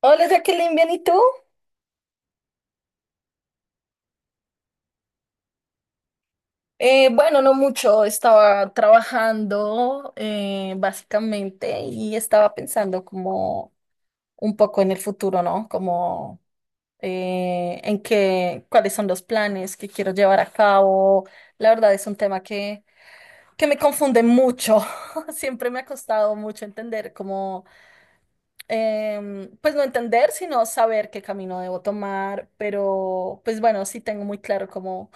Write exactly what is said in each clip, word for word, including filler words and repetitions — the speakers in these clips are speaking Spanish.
Hola Jacqueline, ¿bien y tú? Eh, bueno, no mucho. Estaba trabajando, eh, básicamente, y estaba pensando como un poco en el futuro, ¿no? Como eh, en qué, cuáles son los planes que quiero llevar a cabo. La verdad, es un tema que, que me confunde mucho. Siempre me ha costado mucho entender cómo, em, pues no entender, sino saber qué camino debo tomar. Pero pues bueno, sí tengo muy claro cómo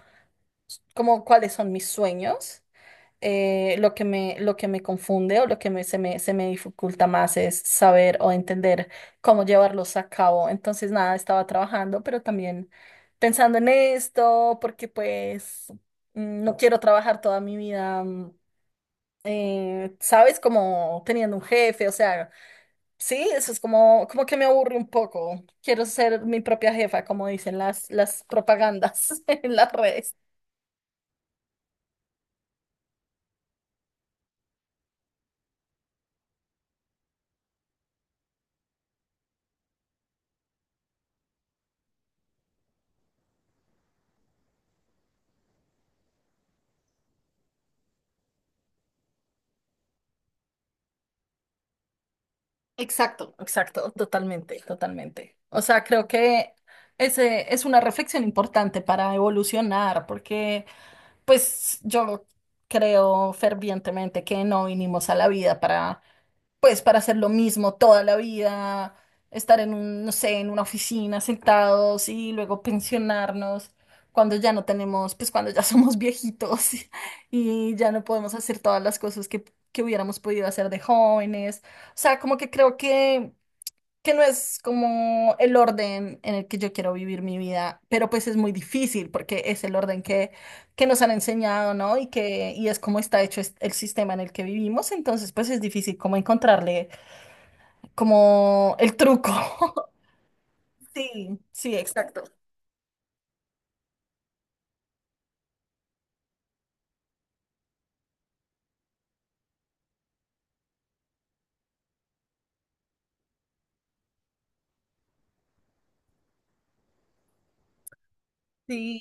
como cuáles son mis sueños. Eh, lo que me, lo que me confunde, o lo que me- se me, se me dificulta más, es saber o entender cómo llevarlos a cabo. Entonces, nada, estaba trabajando, pero también pensando en esto, porque pues mm, no quiero trabajar toda mi vida, mm, eh, ¿Sabes? Como teniendo un jefe. O sea, sí, eso es como, como que me aburre un poco. Quiero ser mi propia jefa, como dicen las, las propagandas en las redes. Exacto. Exacto, totalmente, totalmente. O sea, creo que ese es una reflexión importante para evolucionar, porque pues yo creo fervientemente que no vinimos a la vida para pues para hacer lo mismo toda la vida. Estar en un, no sé, en una oficina sentados, y luego pensionarnos cuando ya no tenemos, pues cuando ya somos viejitos y ya no podemos hacer todas las cosas que, que hubiéramos podido hacer de jóvenes. O sea, como que creo que, que no es como el orden en el que yo quiero vivir mi vida, pero pues es muy difícil porque es el orden que, que nos han enseñado, ¿no? Y que y es como está hecho es- el sistema en el que vivimos. Entonces pues es difícil como encontrarle como el truco. Sí, sí, exacto. Sí,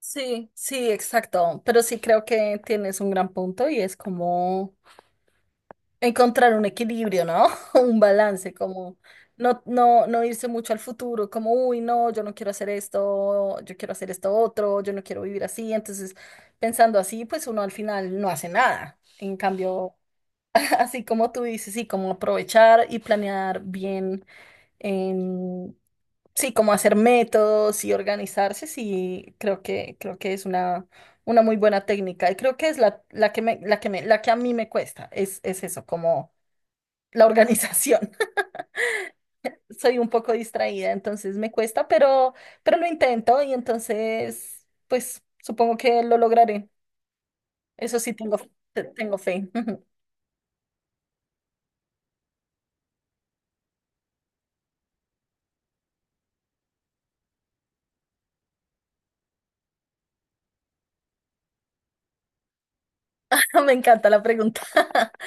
sí, sí, exacto. Pero sí creo que tienes un gran punto, y es como encontrar un equilibrio, ¿no? Un balance, como no, no, no irse mucho al futuro, como, uy, no, yo no quiero hacer esto, yo quiero hacer esto otro, yo no quiero vivir así. Entonces, pensando así, pues uno al final no hace nada. En cambio, así como tú dices, sí, como aprovechar y planear bien. En Sí, como hacer métodos y organizarse. Sí, creo que, creo que es una, una muy buena técnica. Y creo que es la, la que me, la que me, la que a mí me cuesta. es, es eso, como la organización. Soy un poco distraída, entonces me cuesta, pero, pero lo intento. Y entonces, pues supongo que lo lograré. Eso sí, tengo, tengo fe. Me encanta la pregunta.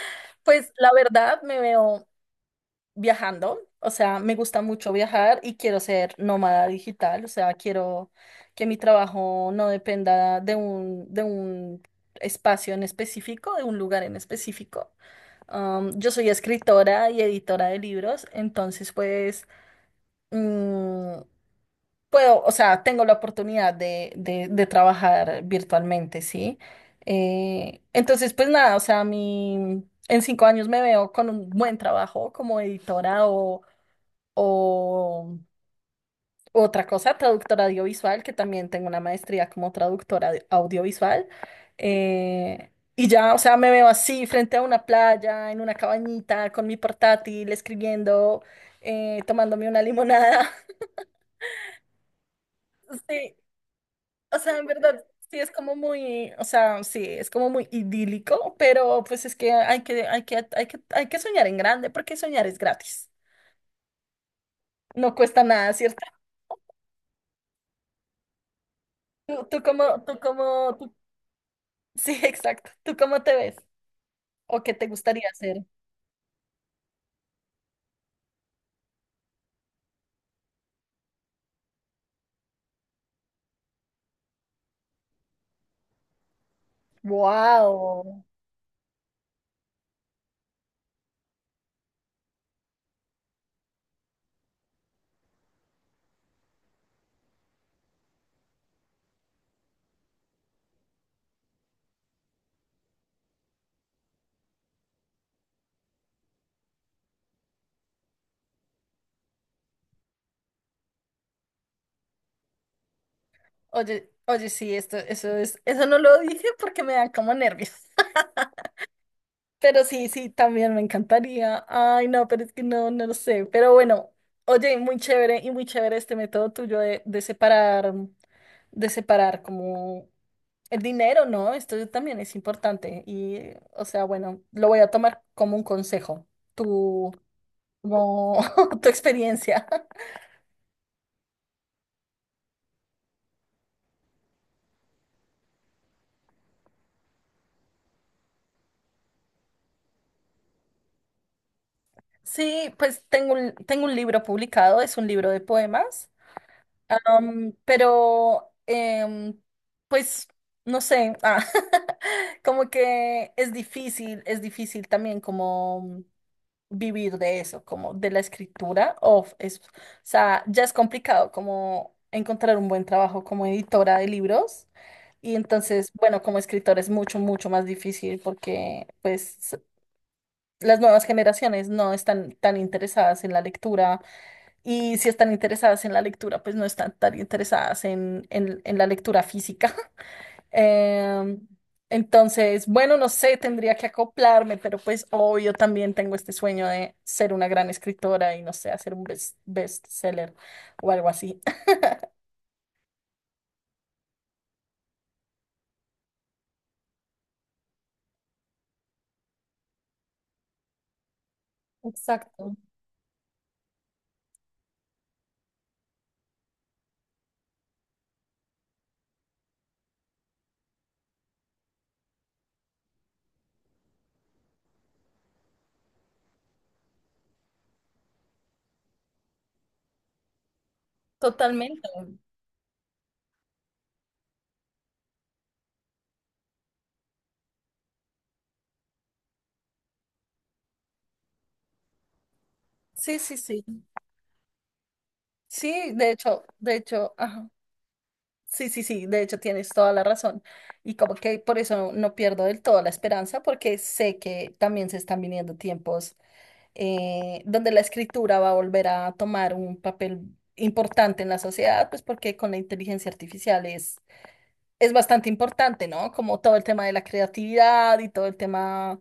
Pues la verdad, me veo viajando. O sea, me gusta mucho viajar y quiero ser nómada digital. O sea, quiero que mi trabajo no dependa de un, de un espacio en específico, de un lugar en específico. Um, yo soy escritora y editora de libros. Entonces pues mm, puedo, o sea, tengo la oportunidad de, de- de trabajar virtualmente, ¿sí? Eh, entonces pues nada, o sea, mi... en cinco años me veo con un buen trabajo como editora, o otra cosa, traductora audiovisual, que también tengo una maestría como traductora de- audiovisual. Eh, y ya, o sea, me veo así frente a una playa, en una cabañita, con mi portátil, escribiendo, eh, tomándome una limonada. Sí, o sea, en verdad, sí es como muy, o sea, sí, es como muy idílico. Pero pues es que hay que, hay que, hay que, hay que soñar en grande, porque soñar es gratis. No cuesta nada, ¿cierto? ¿Tú, tú cómo, tú cómo, tú Sí, exacto. ¿Tú cómo te ves? ¿O qué te gustaría hacer? Wow. Oye, oye, sí, esto, eso es, eso no lo dije porque me dan como nervios. Pero sí, sí, también me encantaría. Ay, no, pero es que no, no lo sé. Pero bueno, oye, muy chévere, y muy chévere este método tuyo de, de separar, de separar como el dinero, ¿no? Esto también es importante. Y, o sea, bueno, lo voy a tomar como un consejo. Tu, como tu experiencia. Sí, pues tengo un, tengo un libro publicado. Es un libro de poemas, am, pero em, pues no sé. Ah, como que es difícil, es difícil también como vivir de eso, como de la escritura, o, es, o sea, ya es complicado como encontrar un buen trabajo como editora de libros. Y entonces, bueno, como escritor es mucho, mucho más difícil, porque pues las nuevas generaciones no están tan interesadas en la lectura. Y si están interesadas en la lectura, pues no están tan interesadas en, en- en la lectura física. Em, entonces, bueno, no sé, tendría que acoplarme, pero pues obvio también tengo este sueño de ser una gran escritora y, no sé, hacer un best, bestseller o algo así. Exacto. Totalmente. Sí, sí, sí. Sí, de hecho, de hecho, ajá. Sí, sí, sí, de hecho tienes toda la razón. Y como que por eso no, no pierdo del todo la esperanza, porque sé que también se están viniendo tiempos, eh, donde la escritura va a volver a tomar un papel importante en la sociedad. Pues porque con la inteligencia artificial es, es bastante importante, ¿no? Como todo el tema de la creatividad y todo el tema,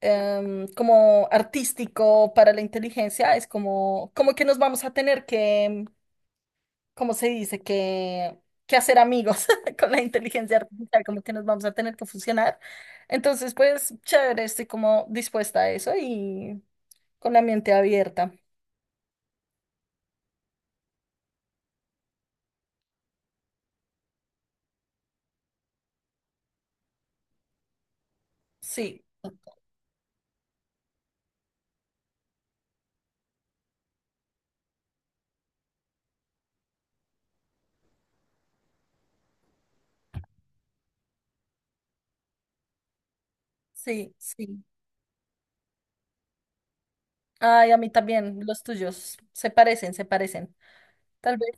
em, como artístico para la inteligencia, es como, como que nos vamos a tener que, ¿cómo se dice? Que, que hacer amigos con la inteligencia artificial, como que nos vamos a tener que fusionar. Entonces, pues, chévere, estoy como dispuesta a eso y con la mente abierta. Sí, sí, sí. Ay, a mí también, los tuyos se parecen, se parecen. Tal vez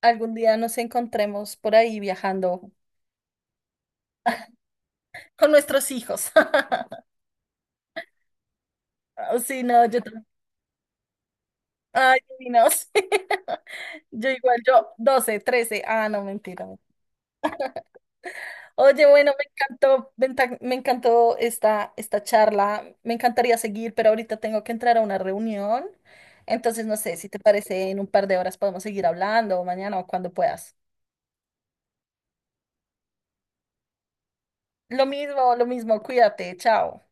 algún día nos encontremos por ahí viajando con nuestros hijos. Ah, sí, no, yo también. Ay, sí, no, Yo igual, yo doce, trece. Ah, no, mentira. Oye, bueno, me encantó, me encan- me encantó esta, esta charla. Me encantaría seguir, pero ahorita tengo que entrar a una reunión. Entonces, no sé si te parece, en un par de horas podemos seguir hablando, o mañana o cuando puedas. Lo mismo, lo mismo, cuídate, chao.